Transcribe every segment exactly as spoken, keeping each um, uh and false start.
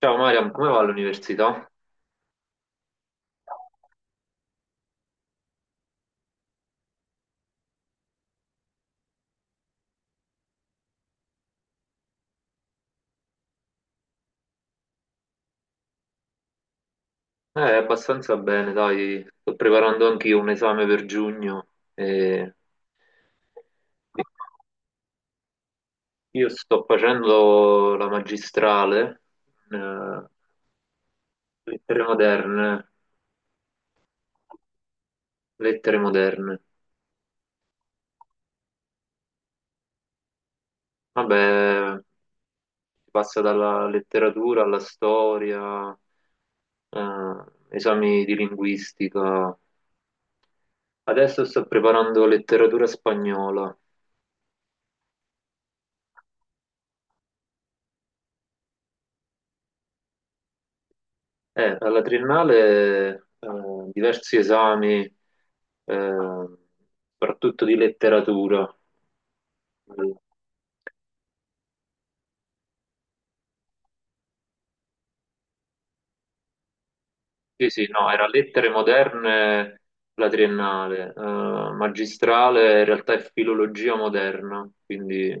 Ciao Mariam, come va l'università? Eh, abbastanza bene, dai, sto preparando anch'io un esame per giugno. e Io sto facendo la magistrale, eh, lettere moderne, lettere moderne. Vabbè, si passa dalla letteratura alla storia, eh, esami di linguistica. Adesso sto preparando letteratura spagnola. Eh, alla triennale eh, diversi esami, eh, soprattutto di letteratura. Eh, Sì, sì, no, era lettere moderne la triennale, eh, magistrale in realtà è filologia moderna, quindi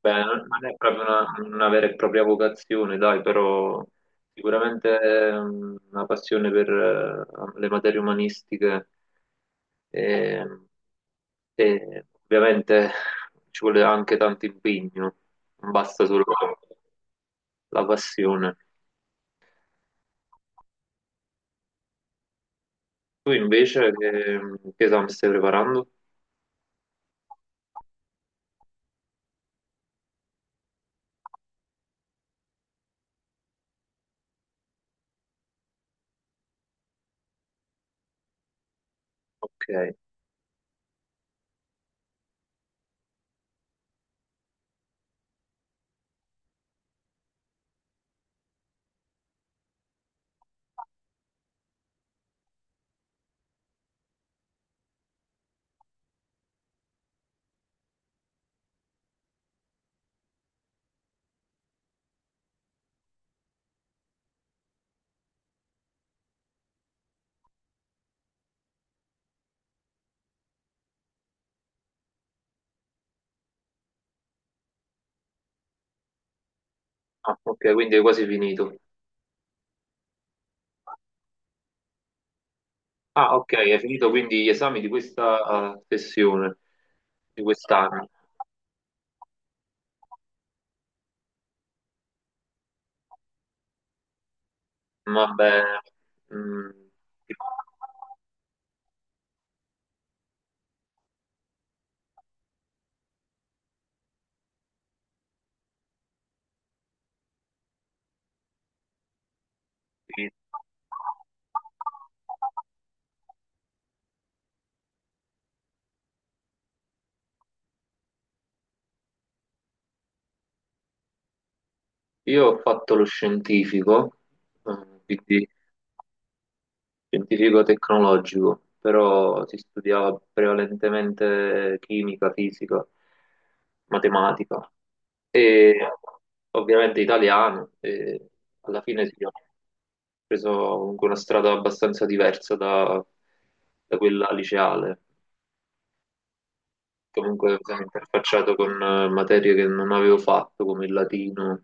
beh, non non è proprio una, una vera e propria vocazione, dai, però sicuramente è una passione per eh, le materie umanistiche. e E ovviamente ci vuole anche tanto impegno, non basta solo la passione. Tu invece che, che esame stai preparando? Ok. Ah, ok, quindi hai quasi finito. Ah, ok, hai finito quindi gli esami di questa eh, sessione, di quest'anno. Vabbè, mm, io ho fatto lo scientifico, eh, quindi scientifico tecnologico, però si studiava prevalentemente chimica, fisica, matematica e ovviamente italiano e alla fine sì, ho preso comunque una strada abbastanza diversa da, da quella liceale. Comunque mi sono interfacciato con eh, materie che non avevo fatto, come il latino.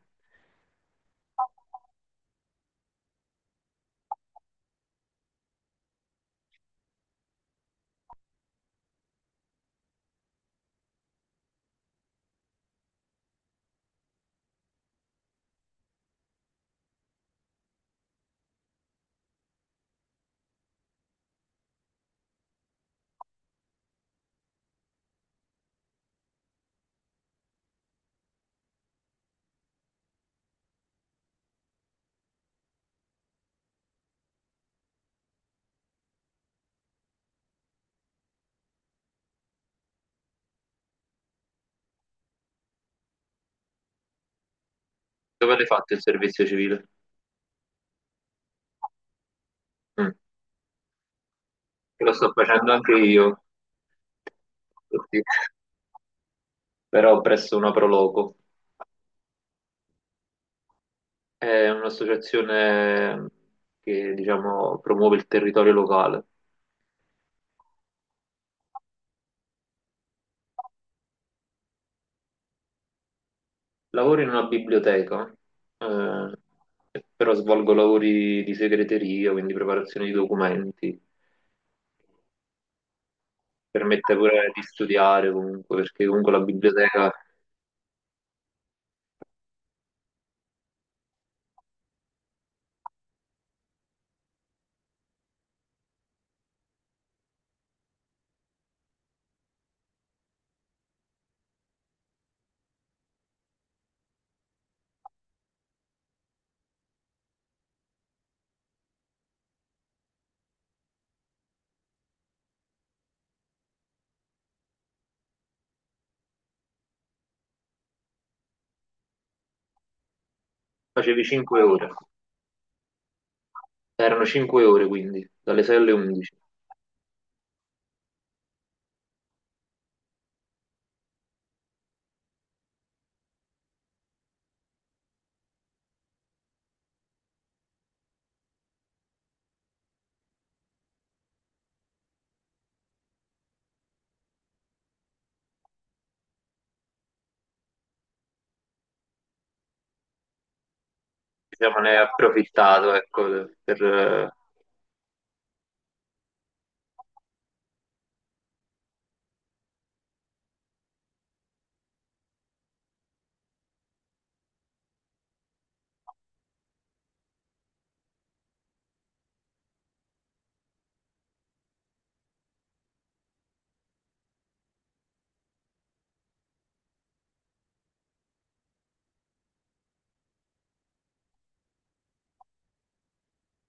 Dove l'hai fatto il servizio civile? Mm. Lo sto facendo anche io. Sì. Però presso una proloco. È un'associazione che, diciamo, promuove il territorio locale. Lavoro in una biblioteca, eh, però svolgo lavori di segreteria, quindi preparazione di documenti. Permette pure di studiare comunque, perché comunque la biblioteca facevi cinque ore. Erano cinque ore quindi, dalle sei alle undici. Diciamo, ne hai approfittato, ecco, per... eh,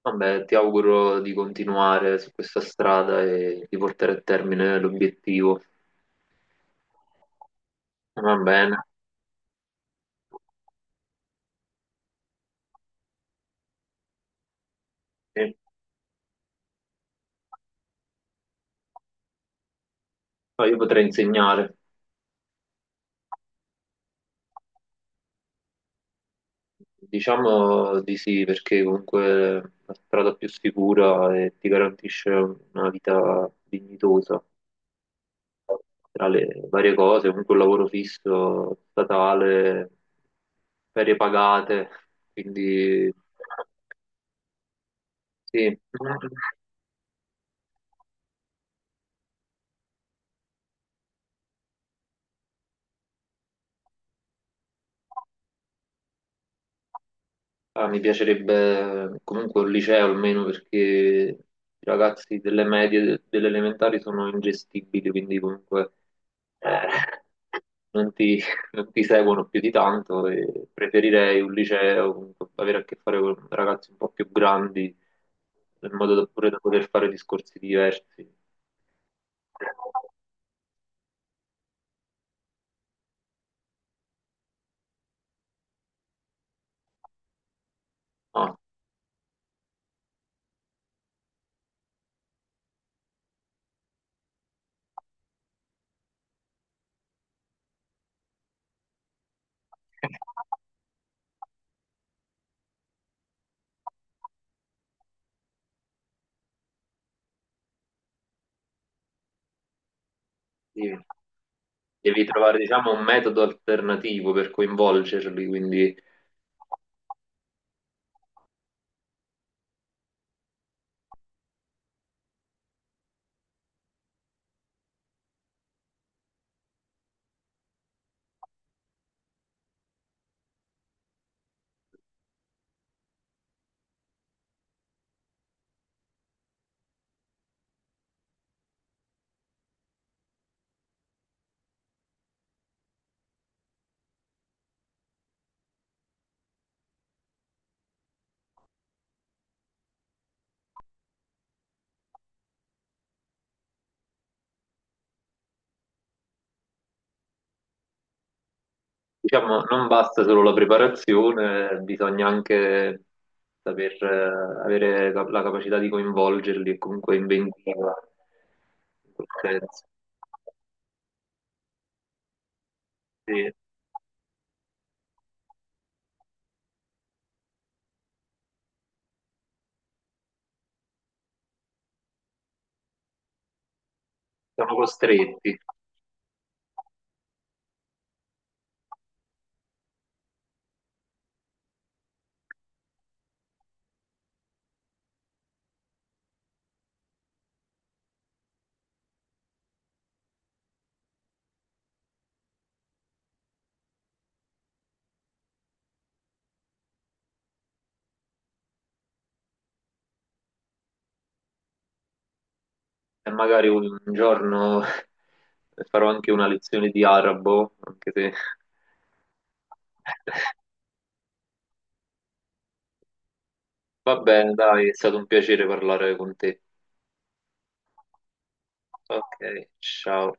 vabbè, ti auguro di continuare su questa strada e di portare a termine l'obiettivo. Va bene, sì. No, io potrei insegnare, diciamo di sì, perché comunque è la strada più sicura e ti garantisce una vita dignitosa tra le varie cose, comunque un lavoro fisso, statale, ferie pagate, quindi sì. Ah, mi piacerebbe comunque un liceo almeno perché i ragazzi delle medie, de- delle elementari sono ingestibili, quindi comunque eh, non ti, non ti seguono più di tanto e preferirei un liceo, comunque, avere a che fare con ragazzi un po' più grandi, in modo da, pure da poter fare discorsi diversi. No, sì. Devi trovare, diciamo, un metodo alternativo per coinvolgerli, quindi diciamo, non basta solo la preparazione, bisogna anche saper eh, avere la, la capacità di coinvolgerli e comunque inventiva in quel senso. Sì, siamo costretti e magari un un giorno farò anche una lezione di arabo, anche se... Va bene, dai, è stato un piacere parlare con te. Ok, ciao.